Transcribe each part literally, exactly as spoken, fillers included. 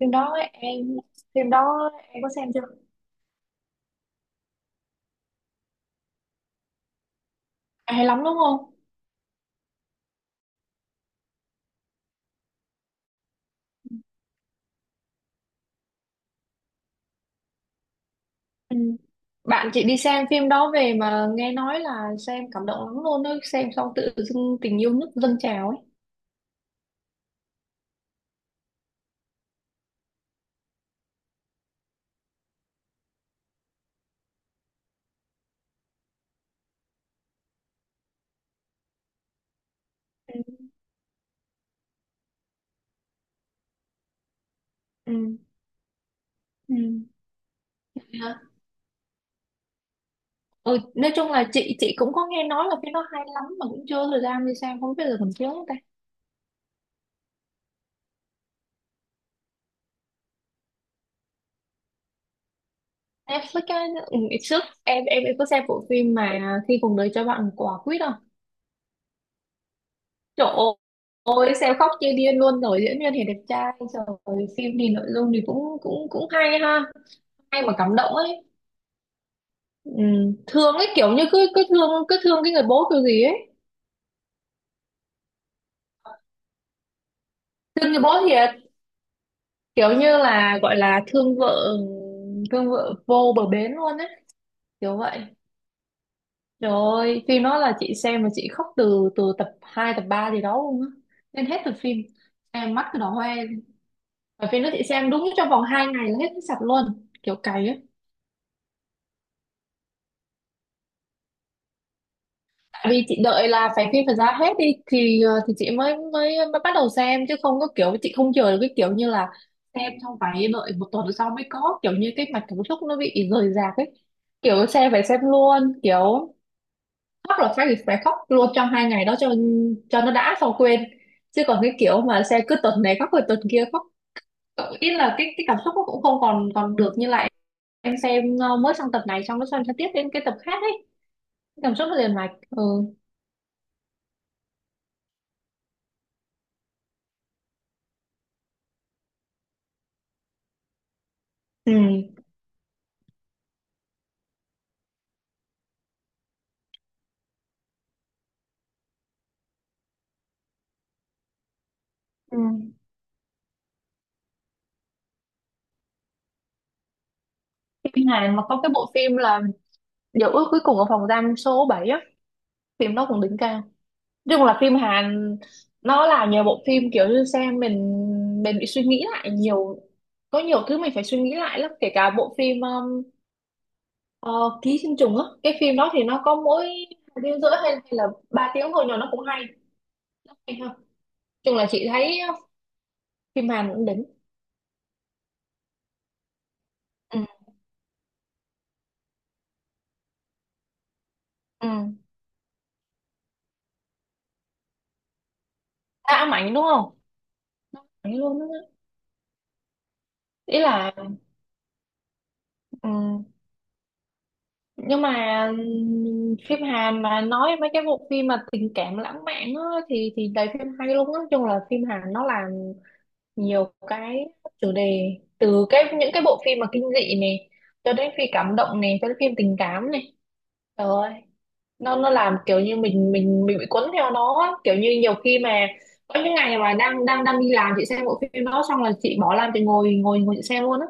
phim đó em phim đó em có xem chưa? À, hay lắm đúng không? Ừ. Bạn chị đi xem phim đó về mà nghe nói là xem cảm động lắm luôn ấy, xem xong tự dưng tình yêu nước dâng trào ấy. Ừ. Ừ. Ừ. Hả? Ừ. Nói chung là chị chị cũng có nghe nói là phim đó hay lắm mà cũng chưa có thời gian đi xem, không biết giờ còn chiếu không ta. Netflix á, ừ, ngày trước em em em có xem bộ phim mà khi cùng đời cho bạn một quả quýt không. Trời ơi, xem khóc như điên luôn rồi, diễn viên thì đẹp trai, trời ơi, phim thì nội dung thì cũng cũng cũng hay ha, hay mà cảm động ấy. Ừ. Thương ấy, kiểu như cứ cứ thương cứ thương cái người bố kiểu gì ấy. Thương người bố thiệt, kiểu như là gọi là thương vợ thương vợ vô bờ bến luôn ấy, kiểu vậy. Trời ơi, phim đó là chị xem mà chị khóc từ từ tập hai tập ba gì đó luôn á. Nên hết tập phim. Em mắt cứ đỏ hoe. Và phim đó chị xem đúng trong vòng hai ngày là hết sạch luôn, kiểu cày á. Vì chị đợi là phải phim phải ra hết đi, thì ờ, thì chị mới mới mới bắt đầu xem chứ không có kiểu chị không chờ được, cái kiểu như là xem xong phải đợi một tuần sau mới có, kiểu như cái mạch cảm xúc nó bị rời rạc ấy. Kiểu xem phải xem luôn, kiểu khóc là phải phải khóc luôn trong hai ngày đó, cho cho nó đã xong quên, chứ còn cái kiểu mà xem cứ tuần này khóc rồi tuần kia khóc, ờ, ý là cái cái cảm xúc nó cũng không còn còn được như lại. Em xem ờ, mới sang tập này xong nó xem sang tiếp đến cái tập khác ấy, cảm xúc nó liền mạch. Ừ. Ừ. Phim Hàn mà có cái bộ phim là Dấu ước cuối cùng ở phòng giam số bảy á, phim đó cũng đỉnh cao. Nói chung là phim Hàn, nó là nhờ bộ phim kiểu như xem mình mình bị suy nghĩ lại nhiều, có nhiều thứ mình phải suy nghĩ lại lắm, kể cả bộ phim um, ờ, Ký sinh trùng á, cái phim đó thì nó có mỗi hai tiếng rưỡi, hay, hay là ba tiếng thôi, nhưng mà nó cũng hay, hay hơn. Nói chung là chị thấy uh, phim Hàn cũng đỉnh. Ừ, ừ. À, Mạnh đúng không? Mạnh luôn đó. Ý là ừ. Nhưng mà ừm, phim Hàn mà nói mấy cái bộ phim mà tình cảm lãng mạn á, thì thì đầy phim hay luôn á. Nói chung là phim Hàn nó làm nhiều cái chủ đề, từ cái những cái bộ phim mà kinh dị này cho đến phim cảm động này cho đến phim tình cảm này, trời ơi, nó nó làm kiểu như mình mình mình bị cuốn theo nó á. Kiểu như nhiều khi mà có những ngày mà đang đang đang đi làm chị xem bộ phim đó xong là chị bỏ làm, chị ngồi ngồi ngồi chị xem luôn á,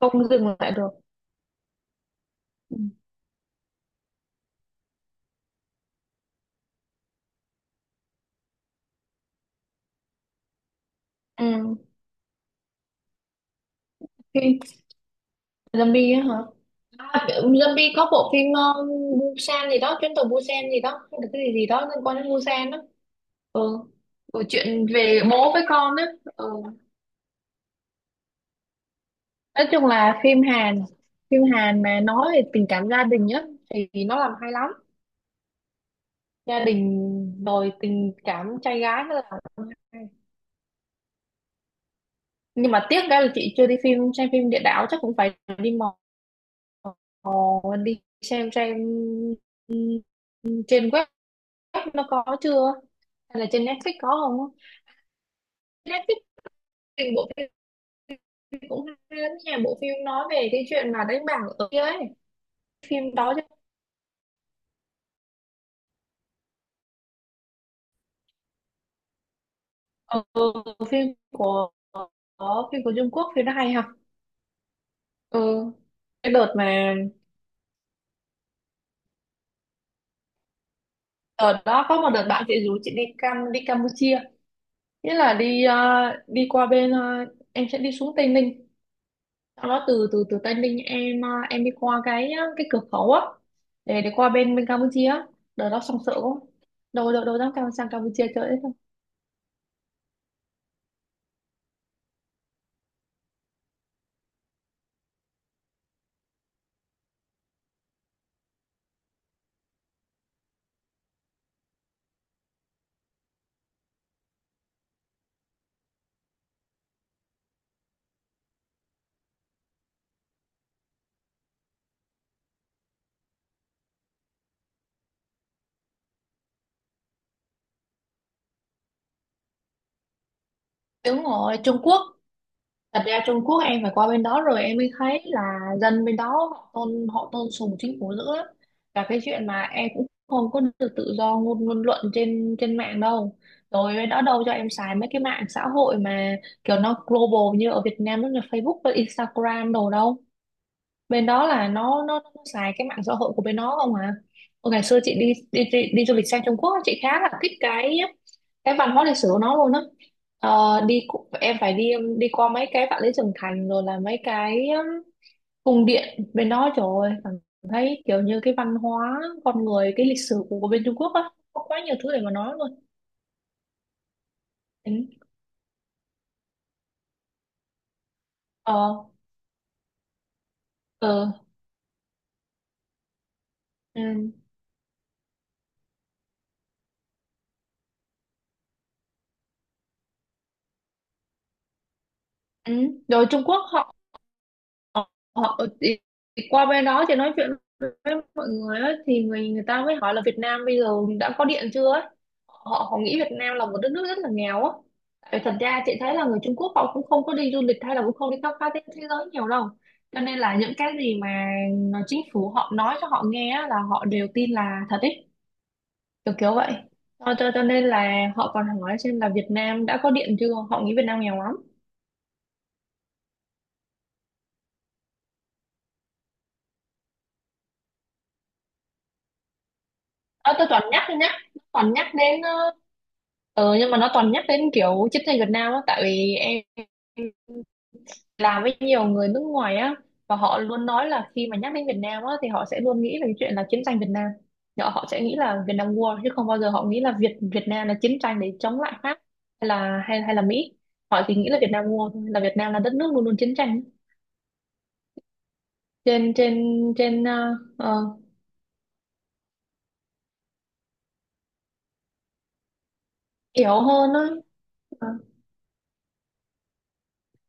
không dừng lại được. Ừ. Ừ. Phim zombie á hả? À, zombie có bộ phim ờ, Busan gì đó, chuyến tàu Busan gì đó, hay là cái gì gì đó liên quan đến Busan đó. Ừ. Ừ, chuyện về bố với con á. Ừ. Nói chung là phim Hàn, phim Hàn, mà nói về tình cảm gia đình á thì nó làm hay lắm. Gia đình rồi tình cảm trai gái nó làm hay. Nhưng mà tiếc cái là chị chưa đi phim xem phim Địa Đạo, chắc cũng phải đi mò mò đi xem xem, ừ, trên web nó có chưa hay là trên Netflix có không á. Netflix phim bộ phim cũng hay lắm nha, bộ phim nói về cái chuyện mà đánh bạc ở kia ấy, phim đó chứ. ờ, phim của Có phim của Trung Quốc, phim nó hay ha. Ừ, cái đợt mà đợt đó có một đợt bạn chị rủ chị đi Cam đi Campuchia, nghĩa là đi ờ, đi qua bên, ờ, em sẽ đi xuống Tây Ninh, sau đó từ từ từ Tây Ninh em ờ, em đi qua cái ờ, cái cửa khẩu á để để qua bên bên Campuchia á. Đợt đó xong sợ quá, đâu đâu đâu dám cam sang Campuchia chơi hết đâu. Đúng rồi, Trung Quốc. Thật ra Trung Quốc em phải qua bên đó rồi em mới thấy là dân bên đó, họ tôn họ tôn sùng chính phủ dữ lắm. Và cái chuyện mà em cũng không có được tự do ngôn ngôn luận trên trên mạng đâu. Rồi bên đó đâu cho em xài mấy cái mạng xã hội mà kiểu nó global như ở Việt Nam, nó là Facebook và Instagram đồ đâu, bên đó là nó nó, nó xài cái mạng xã hội của bên nó không à. Ôi, ngày xưa chị đi đi đi, đi du lịch sang Trung Quốc á, chị khá là thích cái cái văn hóa lịch sử của nó luôn á. Ờ, đi cu- em phải đi um, đi qua mấy cái Vạn Lý Trường Thành rồi là mấy cái um, cung điện bên đó, trời ơi, cảm thấy kiểu như cái văn hóa con người, cái lịch sử của, của bên Trung Quốc á, có quá nhiều thứ để mà nói luôn. Ừ. Ờ. Ừ. Ừ. Ừ. Rồi Trung Quốc họ, ờ, ờ, ờ, thì qua bên đó thì nói chuyện với mọi người ấy, thì người người ta mới hỏi là Việt Nam bây giờ đã có điện chưa ấy. Họ họ nghĩ Việt Nam là một đất nước rất là nghèo á. Tại thật ra chị thấy là người Trung Quốc họ cũng không có đi du lịch hay là cũng không đi khám phá thế, thế giới nhiều đâu. Cho nên là những cái gì mà chính phủ họ nói cho họ nghe á, là họ đều tin là thật ấy, kiểu kiểu vậy. Cho, cho, cho nên là họ còn hỏi xem là Việt Nam đã có điện chưa, họ nghĩ Việt Nam nghèo lắm. Ờ, tôi toàn nhắc, tôi nhắc toàn nhắc đến ờ, ờ nhưng mà nó toàn nhắc đến kiểu chiến tranh Việt Nam á, tại vì em làm với nhiều người nước ngoài á, và họ luôn nói là khi mà nhắc đến Việt Nam á thì họ sẽ luôn nghĩ về cái chuyện là chiến tranh Việt Nam. Họ họ sẽ nghĩ là Việt Nam War chứ không bao giờ họ nghĩ là Việt Việt Nam là chiến tranh để chống lại Pháp hay là hay hay là Mỹ, họ chỉ nghĩ là Việt Nam War thôi, là Việt Nam là đất nước luôn luôn chiến tranh. Trên trên trên ờ, ờ, hiểu hơn á. Ờ.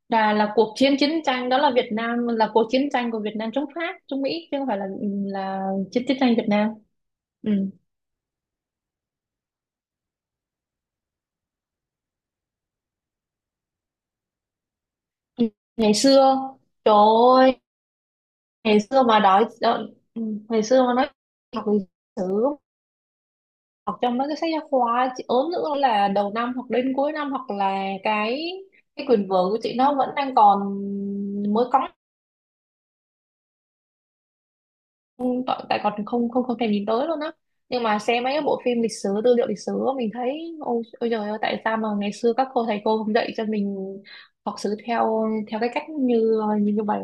Là, là cuộc chiến chiến tranh đó, là Việt Nam, là cuộc chiến tranh của Việt Nam chống Pháp chống Mỹ chứ không phải là là chiến chiến tranh Việt Nam. Ừ. Ừ. Ngày xưa, trời ơi, ngày xưa mà đói đói- ừ, ngày xưa mà nói học lịch sử, học trong mấy cái sách giáo khoa chị ốm nữa, là đầu năm hoặc đến cuối năm hoặc là cái cái quyền vở của chị nó vẫn đang còn mới cóng, không, tại tại còn không không không thèm nhìn tới luôn á. Nhưng mà xem mấy cái bộ phim lịch sử, tư liệu lịch sử á, mình thấy ôi, ôi trời ơi, tại sao mà ngày xưa các cô, thầy cô không dạy cho mình học sử theo theo cái cách như như như vậy.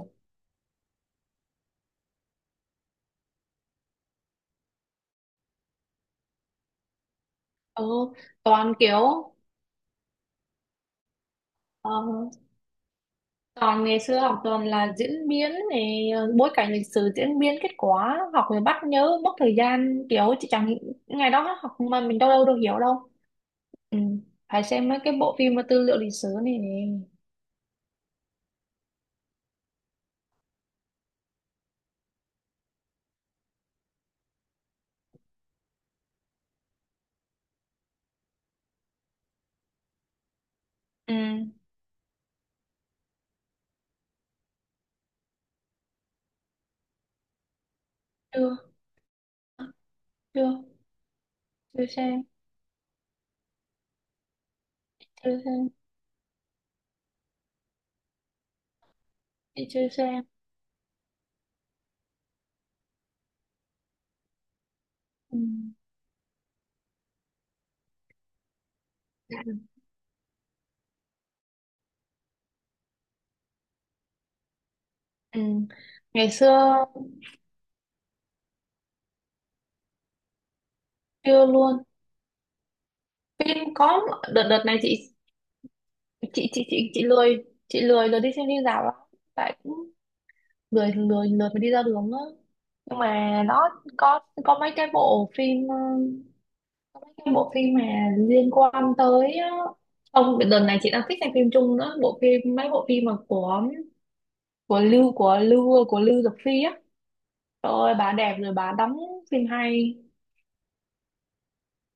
Ừ, toàn kiểu ờ, toàn ngày xưa học toàn là diễn biến này, ờ, bối cảnh lịch sử, diễn biến, kết quả, học rồi bắt nhớ mất thời gian, kiểu chị chẳng, ngày đó học mà mình đâu đâu đâu hiểu đâu. Ừ, phải xem mấy cái bộ phim mà tư liệu lịch sử này. Ừ. chưa chưa chưa xem, chưa xem chị chưa xem, ừ. Ừ. Ngày xưa, chưa luôn. Phim có, đợt đợt này chị, chị chị chị chị lười chị lười lười đi xem phim rạp lắm, tại cũng lười lười lười mà đi ra đường á. Nhưng mà nó có có mấy cái bộ phim ờ, có mấy cái bộ phim mà liên quan tới ờ, không, đợt này chị đang thích xem phim Trung nữa, bộ phim mấy bộ phim mà của của Lưu của Lưu của Lưu Dực Phi á, trời ơi, bà đẹp rồi bà đóng phim hay.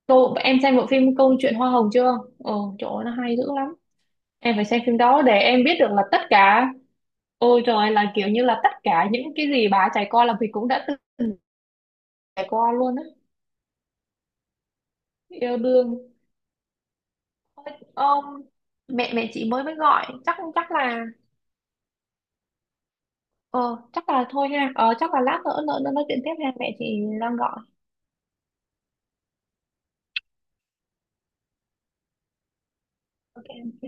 Cô em xem bộ phim Câu chuyện Hoa Hồng chưa? Ồ, chỗ nó hay dữ lắm. Em phải xem phim đó để em biết được là tất cả, ôi trời, là kiểu như là tất cả những cái gì bà trải qua là mình cũng đã từng trải qua luôn á. Yêu đương. Ôi, ông, mẹ mẹ chị mới mới gọi, chắc chắc là, ờ, chắc là thôi ha, ờ, chắc là lát nữa nữa nữa nói chuyện tiếp ha, mẹ chị đang gọi. OK.